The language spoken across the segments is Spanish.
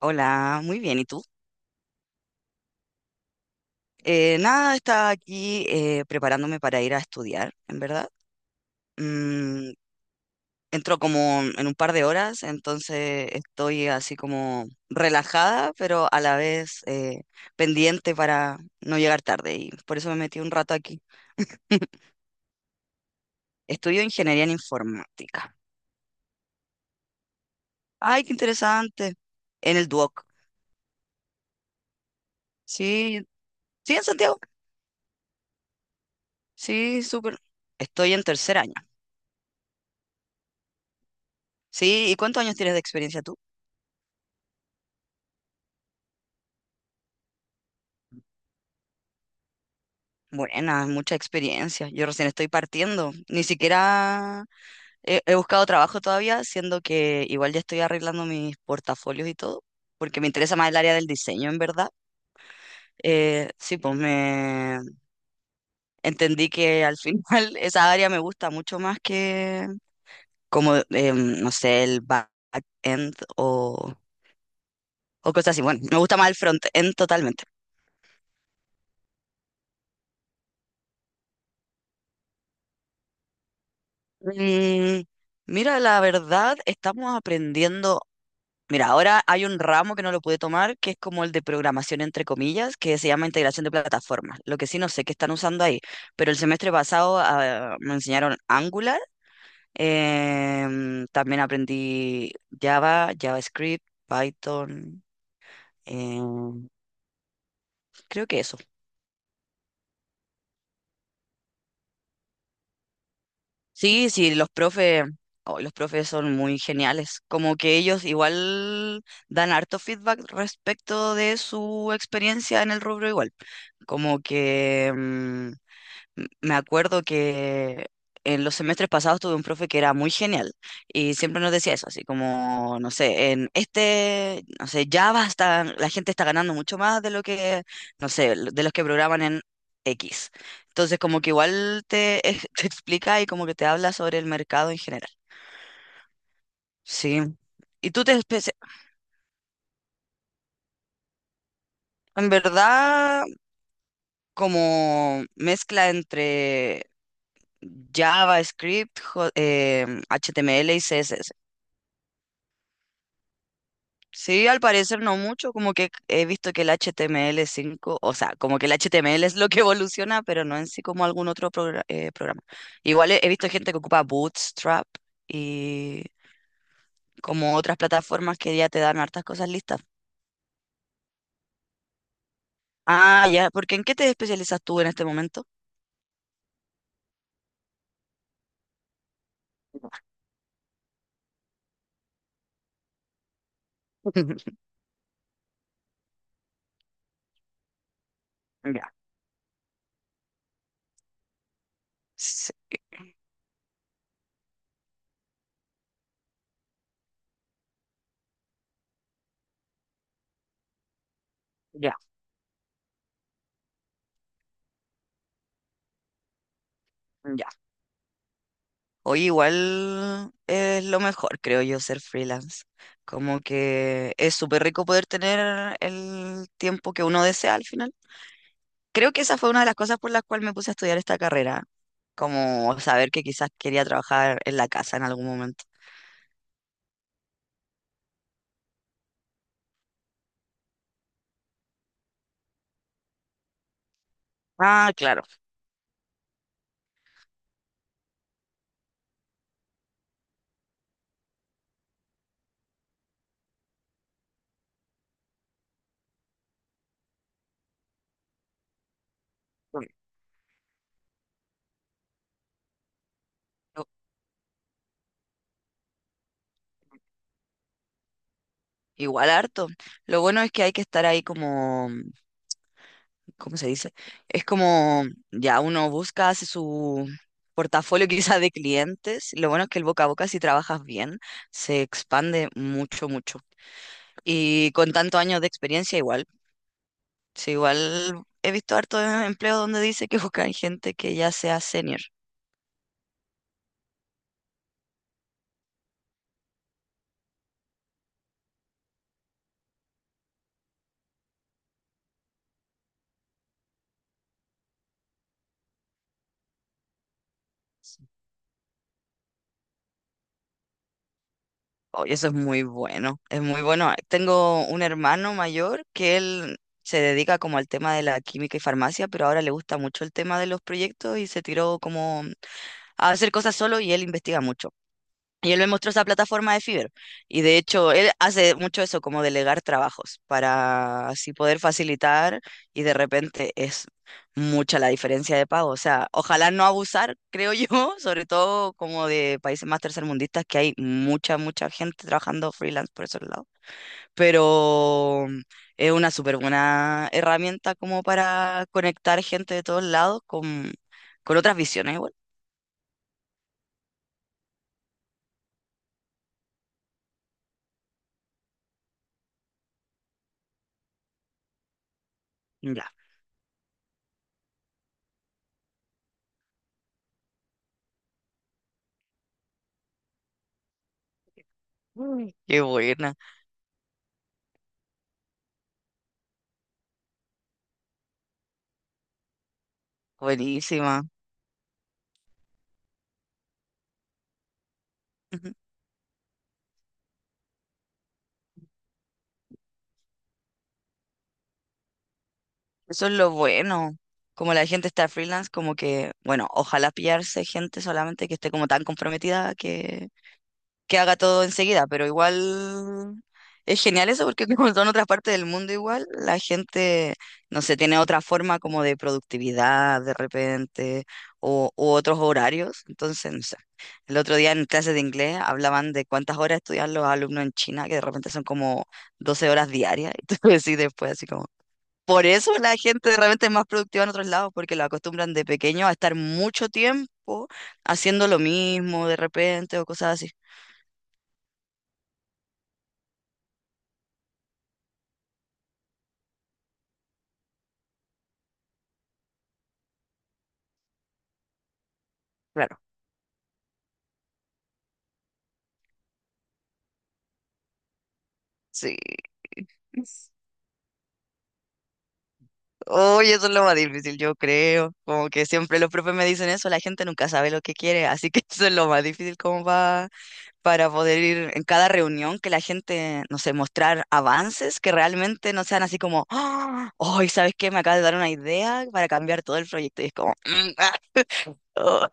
Hola, muy bien. ¿Y tú? Nada, estaba aquí preparándome para ir a estudiar, en verdad. Mm, Entro como en un par de horas, entonces estoy así como relajada, pero a la vez pendiente para no llegar tarde. Y por eso me metí un rato aquí. Estudio ingeniería en informática. Ay, qué interesante. En el Duoc. Sí, sí, en Santiago. Sí, súper. Estoy en tercer año. Sí, ¿y cuántos años tienes de experiencia tú? Buena, mucha experiencia. Yo recién estoy partiendo. Ni siquiera he buscado trabajo todavía, siendo que igual ya estoy arreglando mis portafolios y todo, porque me interesa más el área del diseño, en verdad. Sí, pues me entendí que al final esa área me gusta mucho más que como, no sé, el back-end o cosas así. Bueno, me gusta más el front-end totalmente. Mm, Mira, la verdad, estamos aprendiendo. Mira, ahora hay un ramo que no lo pude tomar, que es como el de programación entre comillas, que se llama integración de plataformas. Lo que sí no sé qué están usando ahí, pero el semestre pasado me enseñaron Angular, también aprendí Java, JavaScript, Python, em, creo que eso. Sí, sí, los profes son muy geniales, como que ellos igual dan harto feedback respecto de su experiencia en el rubro igual, como que me acuerdo que en los semestres pasados tuve un profe que era muy genial y siempre nos decía eso, así como, no sé, en este, no sé, ya basta, la gente está ganando mucho más de lo que, no sé, de los que programan en X. Entonces, como que igual te explica y como que te habla sobre el mercado en general. Sí. Y tú te especia- en verdad, como mezcla entre JavaScript, HTML y CSS. Sí, al parecer no mucho, como que he visto que el HTML5, o sea, como que el HTML es lo que evoluciona, pero no en sí como algún otro programa. Igual he visto gente que ocupa Bootstrap y como otras plataformas que ya te dan hartas cosas listas. Ah, ya, porque ¿en qué te especializas tú en este momento? Ya, sí, ya, ya. Oye, igual es lo mejor, creo yo, ser freelance. Como que es súper rico poder tener el tiempo que uno desea al final. Creo que esa fue una de las cosas por las cuales me puse a estudiar esta carrera, como saber que quizás quería trabajar en la casa en algún momento. Ah, claro. Bueno, o- igual harto. Lo bueno es que hay que estar ahí como, ¿cómo se dice? Es como ya uno busca, hace su portafolio quizás de clientes. Lo bueno es que el boca a boca, si trabajas bien, se expande mucho, mucho. Y con tantos años de experiencia, igual. Sí, igual he visto harto de empleo donde dice que buscan gente que ya sea senior. Oye, eso es muy bueno, es muy bueno. Tengo un hermano mayor que él se dedica como al tema de la química y farmacia, pero ahora le gusta mucho el tema de los proyectos y se tiró como a hacer cosas solo y él investiga mucho. Y él me mostró esa plataforma de Fiverr. Y de hecho, él hace mucho eso, como delegar trabajos, para así poder facilitar y de repente es mucha la diferencia de pago. O sea, ojalá no abusar, creo yo, sobre todo como de países más tercermundistas, que hay mucha, mucha gente trabajando freelance por esos lados. Pero es una súper buena herramienta como para conectar gente de todos lados con otras visiones igual. Ya. Uy, qué buena, buenísima. Eso es lo bueno. Como la gente está freelance, como que, bueno, ojalá pillarse gente solamente que esté como tan comprometida que haga todo enseguida, pero igual es genial eso porque como son otras partes del mundo igual, la gente, no sé, tiene otra forma como de productividad de repente o u otros horarios. Entonces, no sé, el otro día en clases de inglés hablaban de cuántas horas estudian los alumnos en China, que de repente son como 12 horas diarias, y tú decís después así como... Por eso la gente realmente es más productiva en otros lados, porque la acostumbran de pequeño a estar mucho tiempo haciendo lo mismo de repente o cosas así. Claro, sí. Oye, eso es lo más difícil, yo creo. Como que siempre los profes me dicen eso, la gente nunca sabe lo que quiere, así que eso es lo más difícil como va para poder ir en cada reunión que la gente, no sé, mostrar avances que realmente no sean así como, "Ah, hoy, ¿sabes qué? Me acabas de dar una idea para cambiar todo el proyecto". Y es como, "Mm, ah, oh".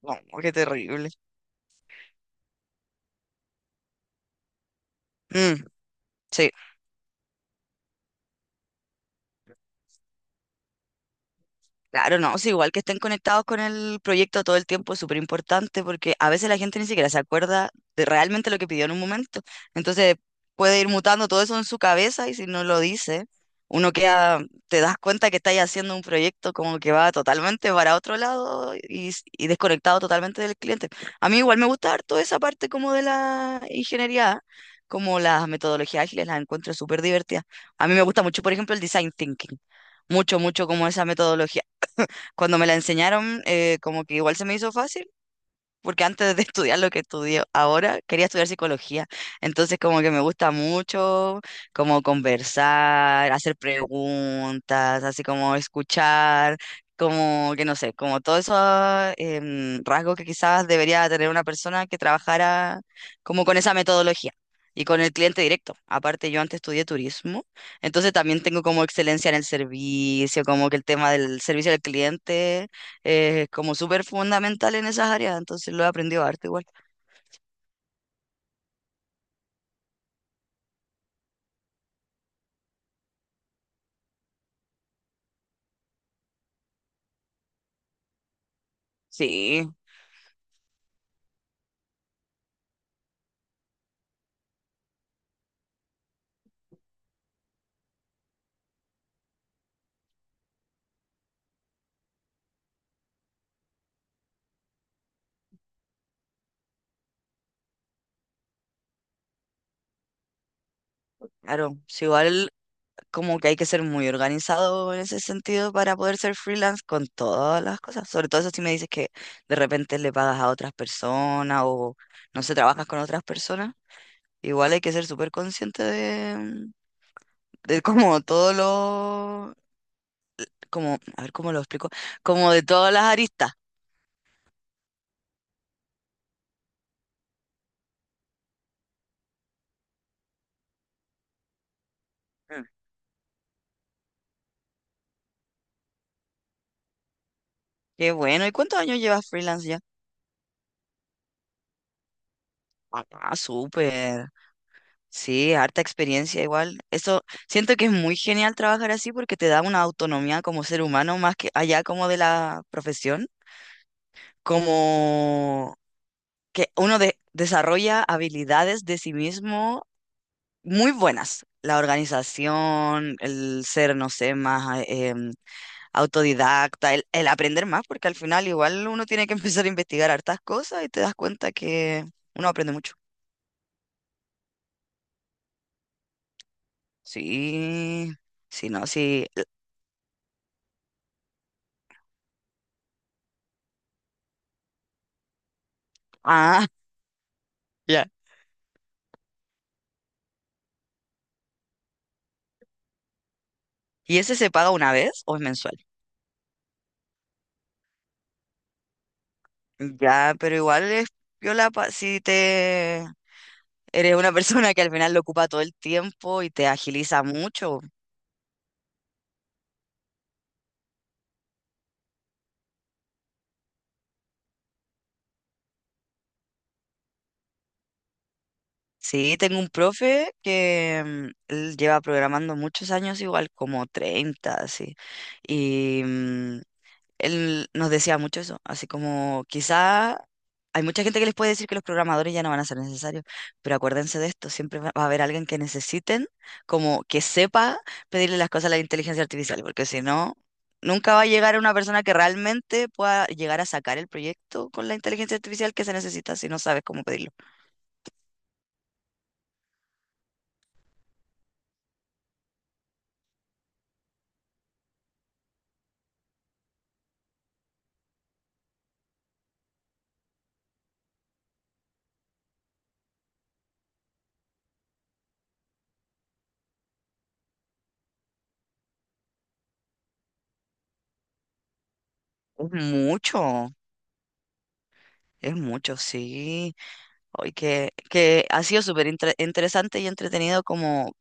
No, qué terrible. Mm, sí. Claro, no, o sea, igual que estén conectados con el proyecto todo el tiempo es súper importante porque a veces la gente ni siquiera se acuerda de realmente lo que pidió en un momento. Entonces puede ir mutando todo eso en su cabeza y si no lo dice, uno queda, te das cuenta que estáis haciendo un proyecto como que va totalmente para otro lado y, y desconectado totalmente del cliente. A mí igual me gusta harto esa parte como de la ingeniería, como las metodologías ágiles, las encuentro súper divertidas. A mí me gusta mucho, por ejemplo, el design thinking mucho, mucho como esa metodología cuando me la enseñaron, como que igual se me hizo fácil, porque antes de estudiar lo que estudio ahora, quería estudiar psicología. Entonces, como que me gusta mucho, como conversar, hacer preguntas, así como escuchar, como que no sé, como todos esos rasgos que quizás debería tener una persona que trabajara como con esa metodología. Y con el cliente directo. Aparte, yo antes estudié turismo, entonces también tengo como excelencia en el servicio, como que el tema del servicio al cliente como súper fundamental en esas áreas, entonces lo he aprendido harto igual. Sí, claro, sí, igual como que hay que ser muy organizado en ese sentido para poder ser freelance con todas las cosas, sobre todo eso si me dices que de repente le pagas a otras personas o no sé, trabajas con otras personas, igual hay que ser súper consciente de como todo lo, como, a ver cómo lo explico, como de todas las aristas. Mm. Qué bueno, ¿y cuántos años llevas freelance ya? Ah, súper. Sí, harta experiencia igual. Eso siento que es muy genial trabajar así porque te da una autonomía como ser humano más que allá como de la profesión, como que uno desarrolla habilidades de sí mismo muy buenas. La organización, el ser, no sé, más autodidacta, el aprender más, porque al final igual uno tiene que empezar a investigar hartas cosas y te das cuenta que uno aprende mucho. Sí, sí, no, sí. Ah. Ya. ¿Y ese se paga una vez o es mensual? Ya, pero igual es piola si te eres una persona que al final lo ocupa todo el tiempo y te agiliza mucho. Sí, tengo un profe que él lleva programando muchos años igual, como 30 así. Y él nos decía mucho eso, así como quizá hay mucha gente que les puede decir que los programadores ya no van a ser necesarios, pero acuérdense de esto, siempre va a haber alguien que necesiten, como que sepa pedirle las cosas a la inteligencia artificial, porque si no, nunca va a llegar una persona que realmente pueda llegar a sacar el proyecto con la inteligencia artificial que se necesita si no sabes cómo pedirlo. Es mucho. Es mucho, sí. Hoy que ha sido súper interesante y entretenido como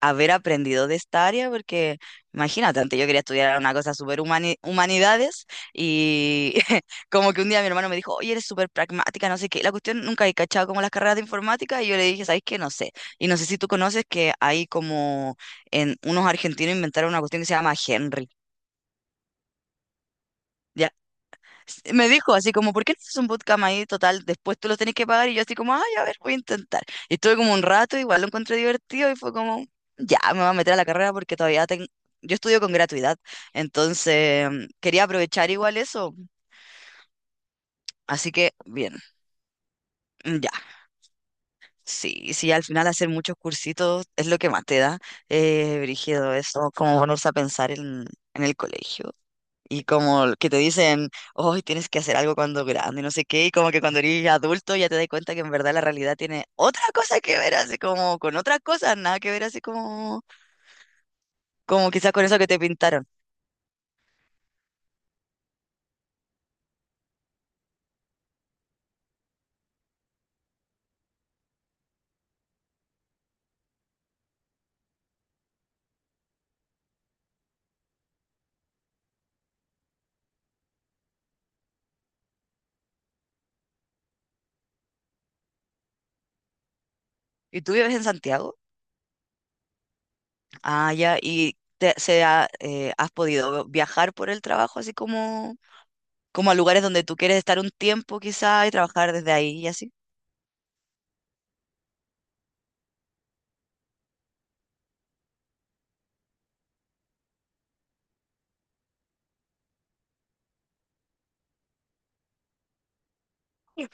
haber aprendido de esta área, porque imagínate, antes yo quería estudiar una cosa súper humanidades y como que un día mi hermano me dijo, oye, eres súper pragmática, no sé qué. La cuestión nunca he cachado como las carreras de informática y yo le dije, ¿sabes qué? No sé. Y no sé si tú conoces que hay como en unos argentinos inventaron una cuestión que se llama Henry. Me dijo así como, ¿por qué no haces un bootcamp ahí total? Después tú lo tenés que pagar. Y yo así como, ay, a ver, voy a intentar. Y estuve como un rato, igual lo encontré divertido y fue como, ya, me voy a meter a la carrera porque todavía tengo... Yo estudio con gratuidad, entonces quería aprovechar igual eso. Así que, bien, mm, ya. Sí, sí, al final hacer muchos cursitos es lo que más te da, brígido, eso, como ponerse a pensar en el colegio. Y como que te dicen, hoy tienes que hacer algo cuando grande, y no sé qué, y como que cuando eres adulto ya te das cuenta que en verdad la realidad tiene otra cosa que ver, así como con otras cosas, nada que ver, así como, como quizás con eso que te pintaron. ¿Y tú vives en Santiago? Ah, ya, y has podido viajar por el trabajo, así como, como a lugares donde tú quieres estar un tiempo quizás y trabajar desde ahí y así.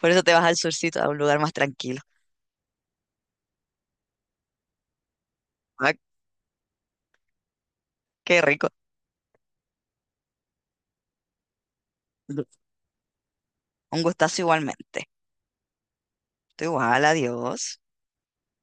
Por eso te vas al surcito, a un lugar más tranquilo. Ah, qué rico. Un gustazo igualmente. Tú igual, adiós.